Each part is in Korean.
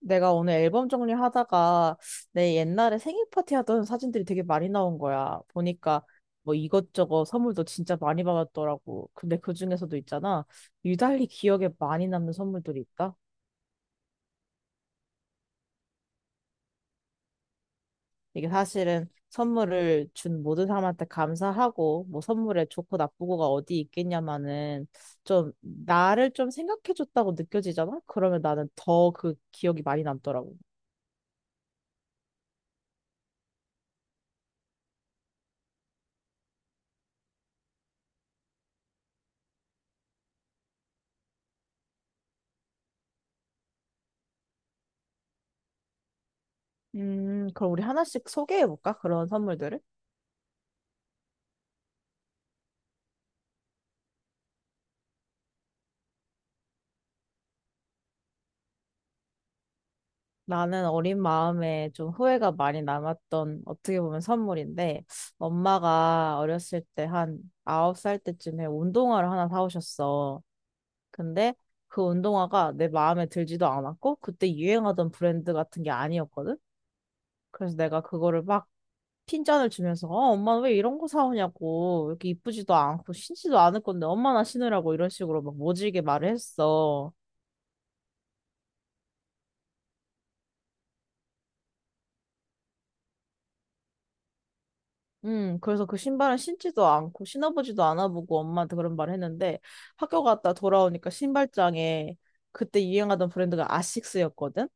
내가 오늘 앨범 정리하다가 내 옛날에 생일 파티 하던 사진들이 되게 많이 나온 거야. 보니까 뭐 이것저것 선물도 진짜 많이 받았더라고. 근데 그중에서도 있잖아. 유달리 기억에 많이 남는 선물들이 있다. 이게 사실은 선물을 준 모든 사람한테 감사하고 뭐 선물에 좋고 나쁘고가 어디 있겠냐마는 좀 나를 좀 생각해줬다고 느껴지잖아. 그러면 나는 더 그 기억이 많이 남더라고. 그럼 우리 하나씩 소개해볼까? 그런 선물들을? 나는 어린 마음에 좀 후회가 많이 남았던 어떻게 보면 선물인데 엄마가 어렸을 때 한 아홉 살 때쯤에 운동화를 하나 사오셨어. 근데 그 운동화가 내 마음에 들지도 않았고 그때 유행하던 브랜드 같은 게 아니었거든. 그래서 내가 그거를 막 핀잔을 주면서 엄마 왜 이런 거 사오냐고 이렇게 이쁘지도 않고 신지도 않을 건데 엄마나 신으라고 이런 식으로 막 모질게 말을 했어. 그래서 그 신발은 신지도 않고 신어보지도 않아보고 엄마한테 그런 말을 했는데 학교 갔다 돌아오니까 신발장에 그때 유행하던 브랜드가 아식스였거든?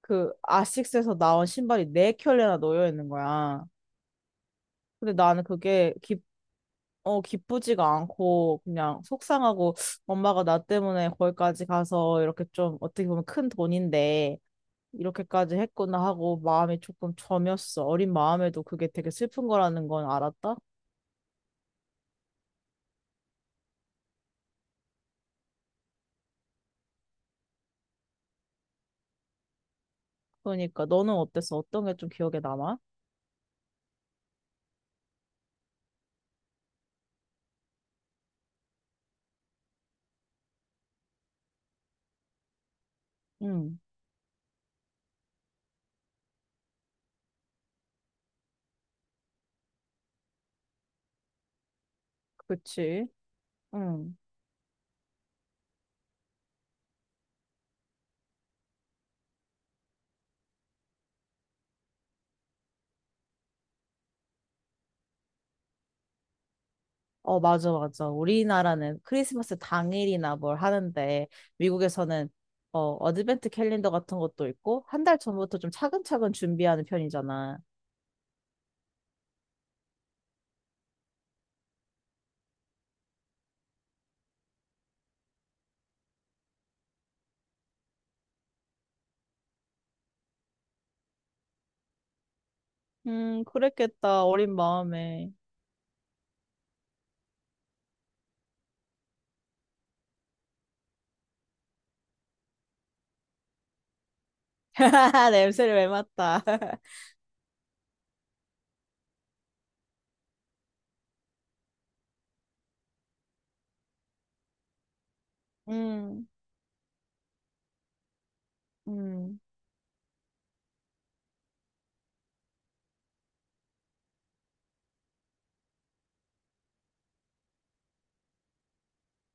그 아식스에서 나온 신발이 네 켤레나 놓여 있는 거야. 근데 나는 기쁘지가 않고 그냥 속상하고 엄마가 나 때문에 거기까지 가서 이렇게 좀 어떻게 보면 큰 돈인데 이렇게까지 했구나 하고 마음이 조금 저몄어. 어린 마음에도 그게 되게 슬픈 거라는 건 알았다? 그러니까 너는 어땠어? 어떤 게 좀 기억에 남아? 응, 그치. 응. 어, 맞아, 맞아. 우리나라는 크리스마스 당일이나 뭘 하는데 미국에서는 어드벤트 캘린더 같은 것도 있고 한 달 전부터 좀 차근차근 준비하는 편이잖아. 그랬겠다. 어린 마음에. 냄새를 왜 맡아? 음, 음,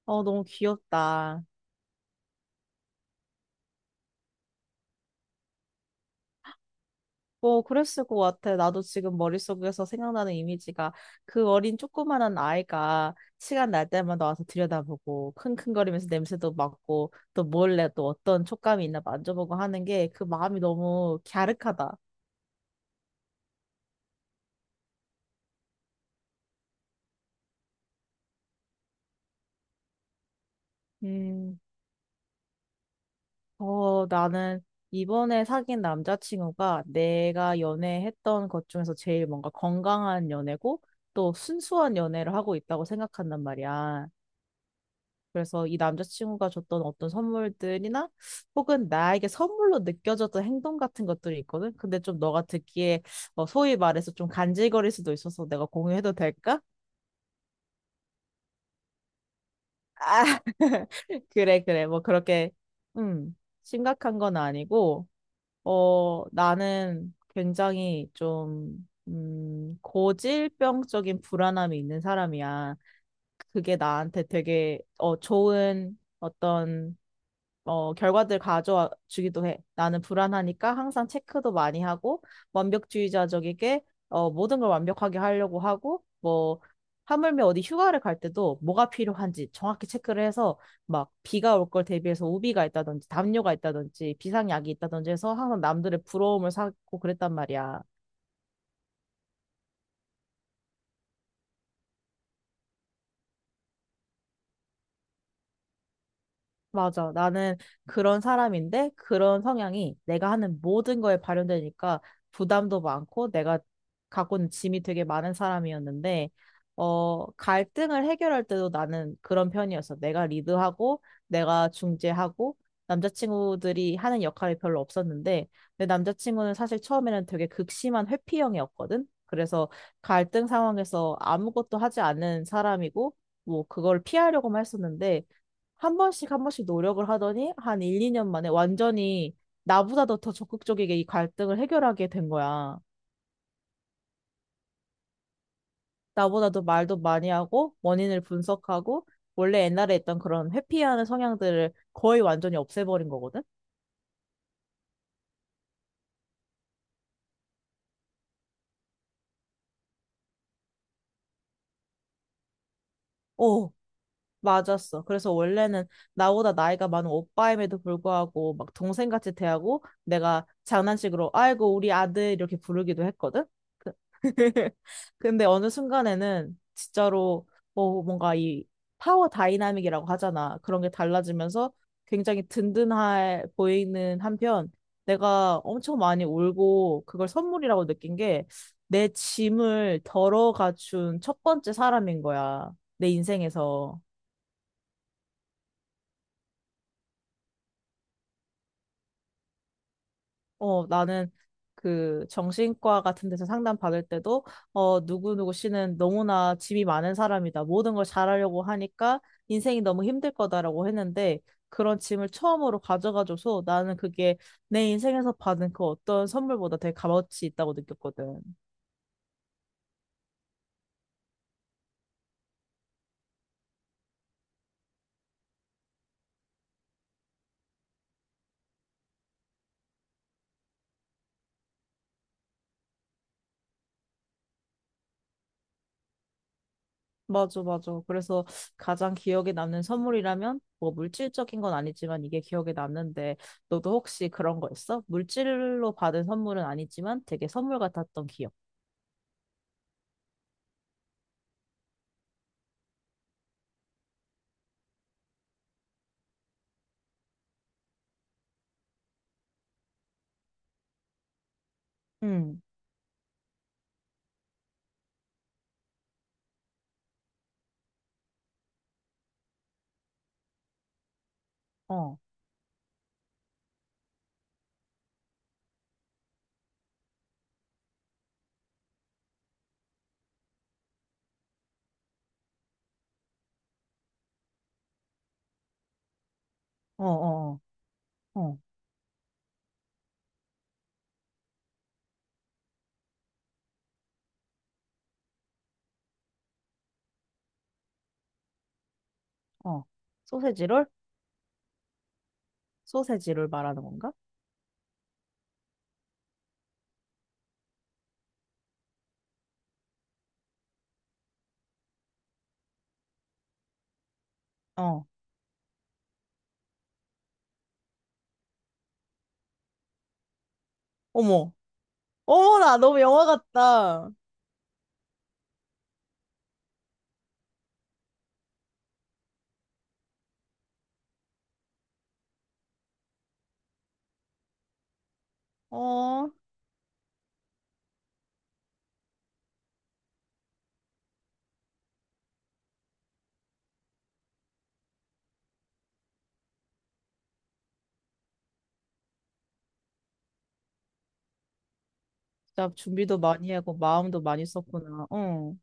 너무 귀엽다. 뭐, 그랬을 것 같아. 나도 지금 머릿속에서 생각나는 이미지가 그 어린 조그만한 아이가 시간 날 때마다 와서 들여다보고 킁킁거리면서 냄새도 맡고 또 몰래 또 어떤 촉감이 있나 만져보고 하는 게 그 마음이 너무 갸륵하다. 음. 나는 이번에 사귄 남자친구가 내가 연애했던 것 중에서 제일 뭔가 건강한 연애고 또 순수한 연애를 하고 있다고 생각한단 말이야. 그래서 이 남자친구가 줬던 어떤 선물들이나 혹은 나에게 선물로 느껴졌던 행동 같은 것들이 있거든. 근데 좀 너가 듣기에 소위 말해서 좀 간질거릴 수도 있어서 내가 공유해도 될까? 아, 그래, 그래. 뭐 그렇게, 음, 심각한 건 아니고. 나는 굉장히 좀, 고질병적인 불안함이 있는 사람이야. 그게 나한테 되게, 좋은 어떤 결과들 가져와 주기도 해. 나는 불안하니까 항상 체크도 많이 하고, 완벽주의자적이게, 모든 걸 완벽하게 하려고 하고, 뭐, 하물며 어디 휴가를 갈 때도 뭐가 필요한지 정확히 체크를 해서, 막, 비가 올 걸 대비해서 우비가 있다든지, 담요가 있다든지, 비상약이 있다든지 해서 항상 남들의 부러움을 사고 그랬단 말이야. 맞아. 나는 그런 사람인데 그런 성향이 내가 하는 모든 거에 발현되니까 부담도 많고 내가 갖고 있는 짐이 되게 많은 사람이었는데 갈등을 해결할 때도 나는 그런 편이었어. 내가 리드하고 내가 중재하고 남자친구들이 하는 역할이 별로 없었는데 내 남자친구는 사실 처음에는 되게 극심한 회피형이었거든. 그래서 갈등 상황에서 아무것도 하지 않는 사람이고 뭐 그걸 피하려고만 했었는데 한 번씩 한 번씩 노력을 하더니 한 1, 2년 만에 완전히 나보다도 더 적극적이게 이 갈등을 해결하게 된 거야. 나보다도 말도 많이 하고 원인을 분석하고 원래 옛날에 있던 그런 회피하는 성향들을 거의 완전히 없애버린 거거든. 어, 맞았어. 그래서 원래는 나보다 나이가 많은 오빠임에도 불구하고 막 동생같이 대하고 내가 장난식으로 아이고 우리 아들 이렇게 부르기도 했거든. 그- 근데 어느 순간에는 진짜로 뭐 뭔가 이 파워 다이나믹이라고 하잖아. 그런 게 달라지면서 굉장히 든든해 보이는 한편 내가 엄청 많이 울고 그걸 선물이라고 느낀 게 내 짐을 덜어 갖춘 첫 번째 사람인 거야. 내 인생에서. 나는 그 정신과 같은 데서 상담 받을 때도 누구누구 씨는 너무나 짐이 많은 사람이다. 모든 걸 잘하려고 하니까 인생이 너무 힘들 거다라고 했는데 그런 짐을 처음으로 가져가줘서 나는 그게 내 인생에서 받은 그 어떤 선물보다 되게 값어치 있다고 느꼈거든. 맞아, 맞아. 그래서 가장 기억에 남는 선물이라면 뭐 물질적인 건 아니지만 이게 기억에 남는데 너도 혹시 그런 거 있어? 물질로 받은 선물은 아니지만 되게 선물 같았던 기억. 음. 어, 어, 어, 어, 어, 어. 소세지롤? 소세지롤 말하는 건가? 어. 어머. 어머, 나 너무 영화 같다. 어. 진짜 준비도 많이 하고 마음도 많이 썼구나. 어.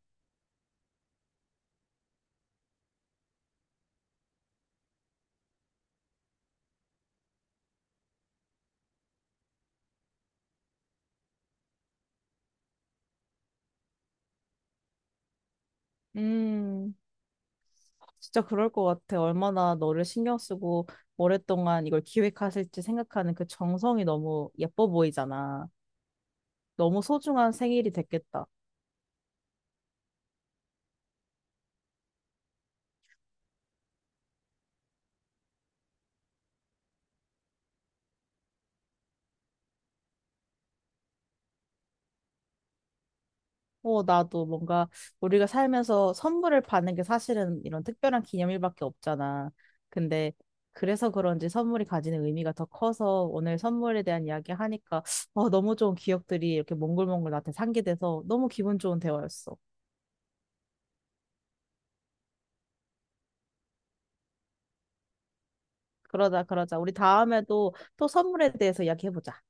음. 진짜 그럴 것 같아. 얼마나 너를 신경 쓰고 오랫동안 이걸 기획하실지 생각하는 그 정성이 너무 예뻐 보이잖아. 너무 소중한 생일이 됐겠다. 나도 뭔가 우리가 살면서 선물을 받는 게 사실은 이런 특별한 기념일밖에 없잖아. 근데 그래서 그런지 선물이 가지는 의미가 더 커서 오늘 선물에 대한 이야기 하니까 너무 좋은 기억들이 이렇게 몽글몽글 나한테 상기돼서 너무 기분 좋은 대화였어. 그러자, 그러자. 우리 다음에도 또 선물에 대해서 이야기해보자.